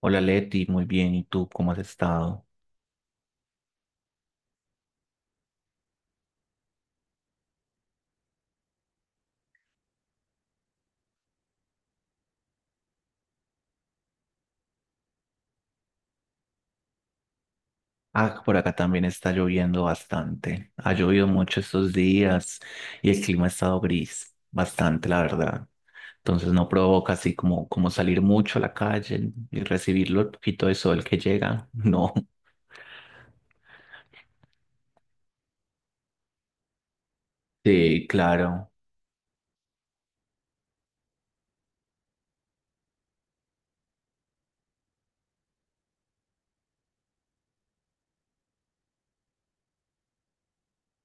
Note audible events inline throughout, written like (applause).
Hola Leti, muy bien. ¿Y tú cómo has estado? Ah, por acá también está lloviendo bastante. Ha llovido mucho estos días y el clima ha estado gris, bastante, la verdad. Entonces no provoca así como salir mucho a la calle y recibirlo el poquito de sol que llega. (laughs) No. Sí, claro.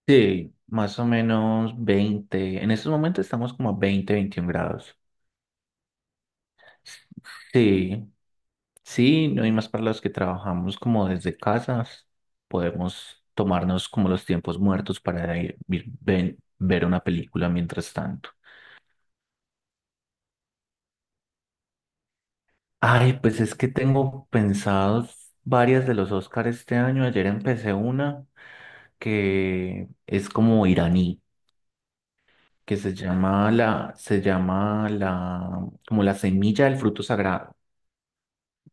Sí, más o menos 20. En estos momentos estamos como a 20, 21 grados. Sí, sí, no hay más para los que trabajamos como desde casas. Podemos tomarnos como los tiempos muertos para ir, ver una película mientras tanto. Ay, pues es que tengo pensados varias de los Oscars este año. Ayer empecé una que es como iraní, que se llama como la semilla del fruto sagrado.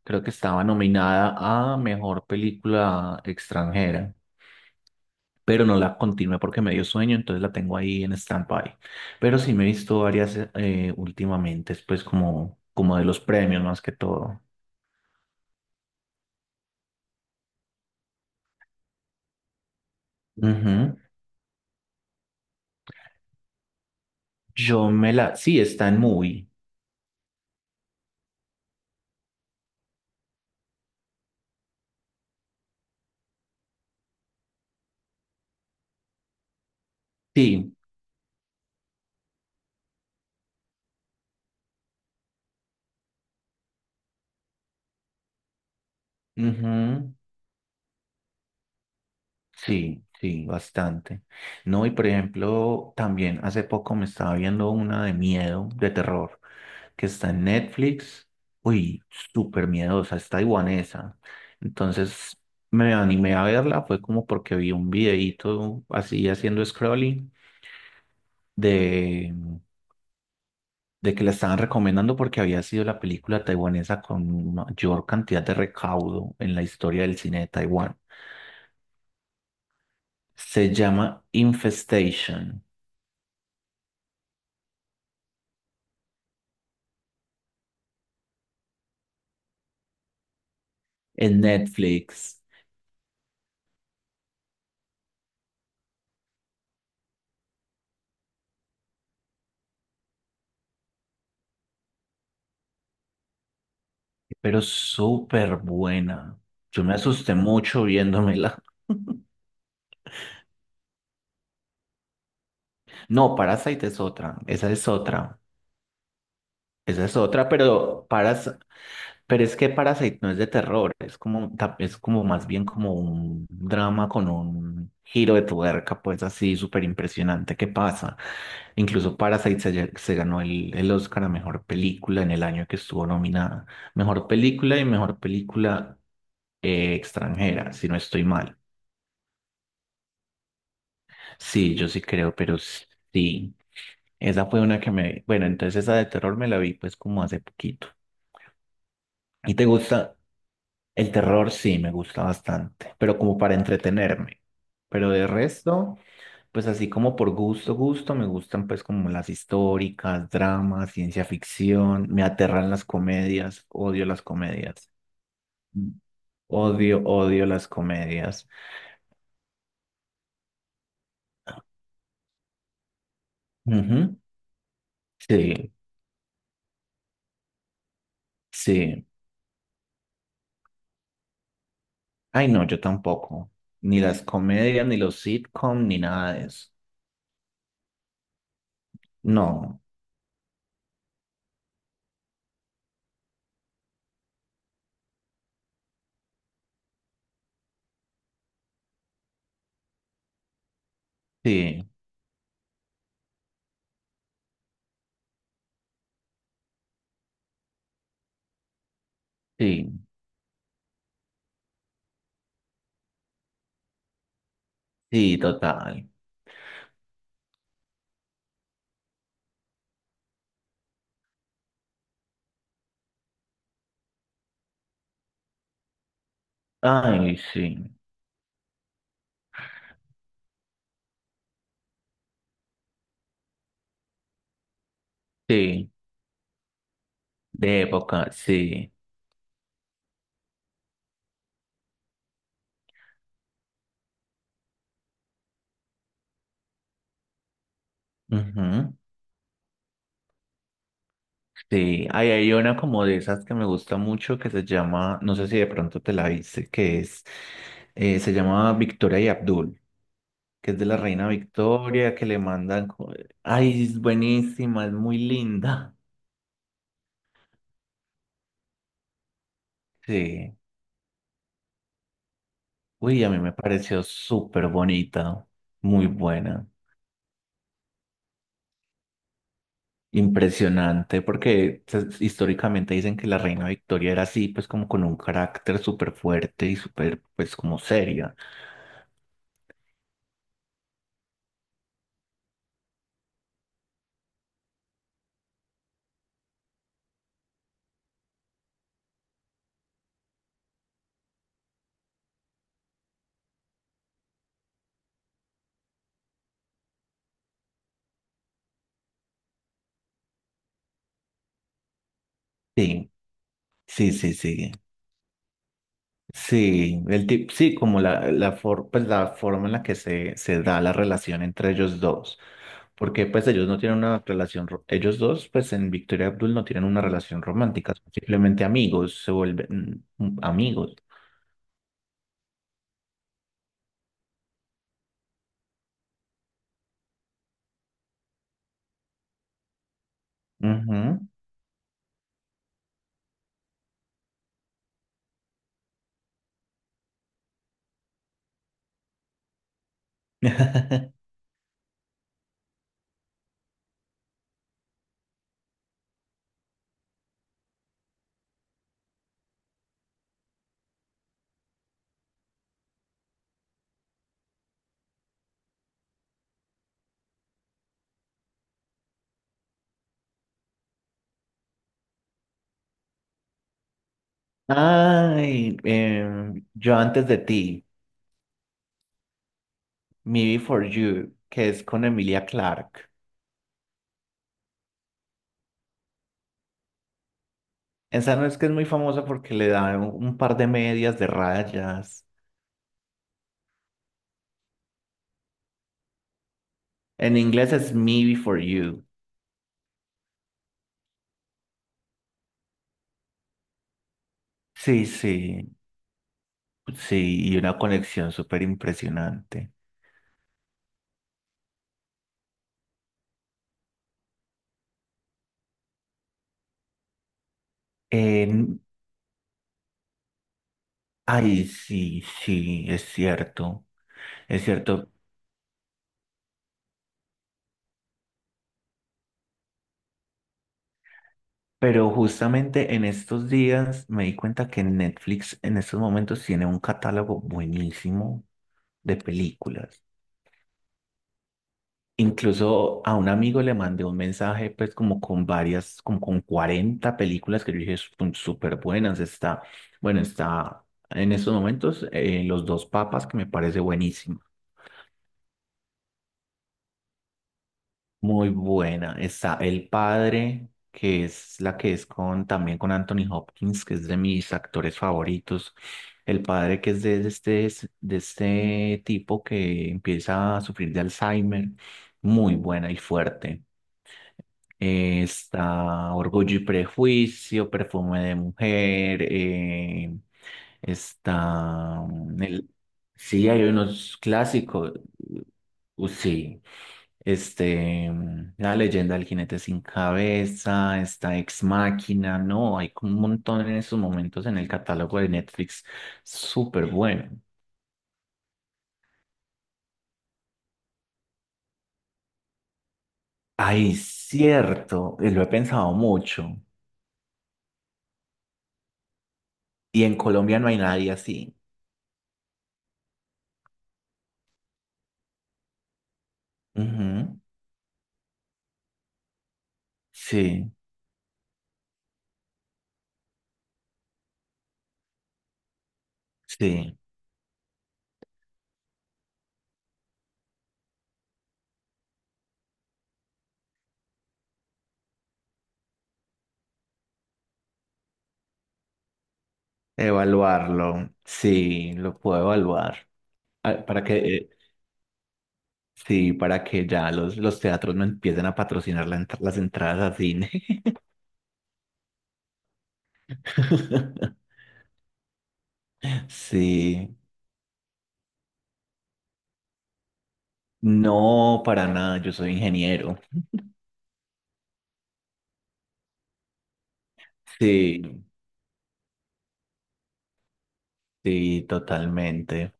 Creo que estaba nominada a mejor película extranjera, pero no la continué porque me dio sueño, entonces la tengo ahí en stand-by. Pero sí me he visto varias últimamente, pues como de los premios más que todo. Ujú. Yo me la... Sí, está en movie. Sí, ujú, sí, sí, bastante. No, y por ejemplo, también hace poco me estaba viendo una de miedo, de terror que está en Netflix. Uy, súper miedosa, es taiwanesa. Entonces me animé a verla, fue como porque vi un videíto así haciendo scrolling de, de que la estaban recomendando porque había sido la película taiwanesa con mayor cantidad de recaudo en la historia del cine de Taiwán. Se llama Infestation en Netflix, pero súper buena. Yo me asusté mucho viéndomela. (laughs) No, Parasite es otra, esa es otra, esa es otra, pero es que Parasite no es de terror, es como, es como más bien como un drama con un giro de tuerca, pues así súper impresionante que pasa. Incluso Parasite se ganó el Oscar a mejor película en el año que estuvo nominada. Mejor película y mejor película extranjera, si no estoy mal. Sí, yo sí creo, pero sí. Esa fue una que me... Bueno, entonces esa de terror me la vi pues como hace poquito. ¿Y te gusta? El terror sí, me gusta bastante, pero como para entretenerme. Pero de resto, pues así como por gusto, gusto, me gustan pues como las históricas, dramas, ciencia ficción, me aterran las comedias, odio las comedias. Mm. Odio, odio las comedias. Ujú. Sí, sí. Ay, no, yo tampoco. Ni las comedias, ni los sitcom, ni nada de eso. No, sí. Sí, sí, total. Ay, sí, sí, de época, sí. Ujú, sí, ahí hay una como de esas que me gusta mucho que se llama, no sé si de pronto te la viste, que es, se llama Victoria y Abdul, que es de la reina Victoria, que le mandan, ay, es buenísima, es muy linda. Sí, uy, a mí me pareció súper bonita, muy buena. Impresionante, porque históricamente dicen que la reina Victoria era así, pues como con un carácter súper fuerte y súper, pues como seria. Sí, sí, sí, sí. Sí, como pues, la forma en la que se da la relación entre ellos dos. Porque pues ellos no tienen una relación, ellos dos, pues en Victoria y Abdul no tienen una relación romántica, son simplemente amigos, se vuelven amigos. Ujú. (laughs) Ay, yo antes de ti, Me Before You, que es con Emilia Clarke. Esa no es que es muy famosa porque le da un par de medias de rayas. En inglés es Me Before You. Sí, sí, sí, y una conexión súper impresionante. En- ay, sí, sí, es cierto, es cierto. Pero justamente en estos días me di cuenta que Netflix en estos momentos tiene un catálogo buenísimo de películas. Incluso a un amigo le mandé un mensaje, pues como con varias, como con 40 películas que yo dije son súper buenas. Está, bueno, está en estos momentos Los dos papas, que me parece buenísima, muy buena. Está El Padre, que es la que es con, también con Anthony Hopkins, que es de mis actores favoritos. El Padre, que es de este tipo que empieza a sufrir de Alzheimer, muy buena y fuerte. Está Orgullo y Prejuicio, Perfume de Mujer, está sí, hay unos clásicos, sí, este, La leyenda del jinete sin cabeza, está Ex Máquina, no, hay como un montón en esos momentos en el catálogo de Netflix, súper bueno. Ay, cierto, y lo he pensado mucho, y en Colombia no hay nadie así. Ujú, sí, sí. Evaluarlo, sí, lo puedo evaluar. Ah, para que, sí, para que ya los teatros no empiecen a patrocinar la las entradas a cine. (laughs) Sí, no, para nada, yo soy ingeniero. Sí, sí, totalmente.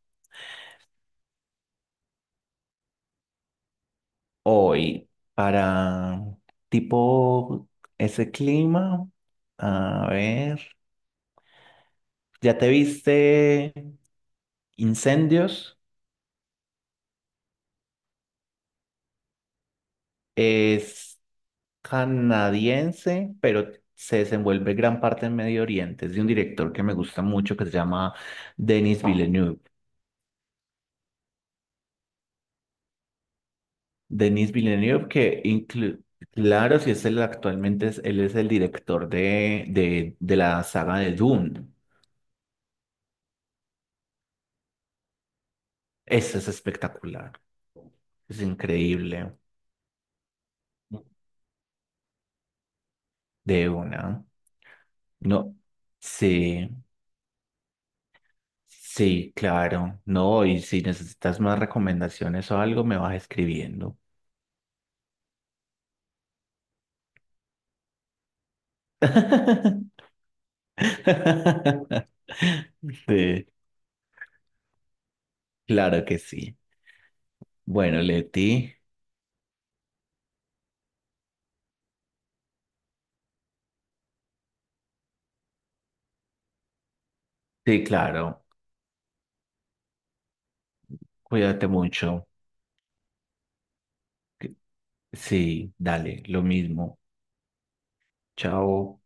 Hoy, para tipo ese clima, a ver, ¿ya te viste Incendios? Es canadiense, pero se desenvuelve gran parte en Medio Oriente. Es de un director que me gusta mucho que se llama Denis Villeneuve. Denis Villeneuve que inclu- Claro, si es el actualmente, él es el director de la saga de Dune. Eso es espectacular. Es increíble. De una. No. Sí, sí, claro. No, y si necesitas más recomendaciones o algo, me vas escribiendo. (laughs) (laughs) Sí, claro que sí. Bueno, Leti, sí, claro, cuídate mucho. Sí, dale, lo mismo. Chao.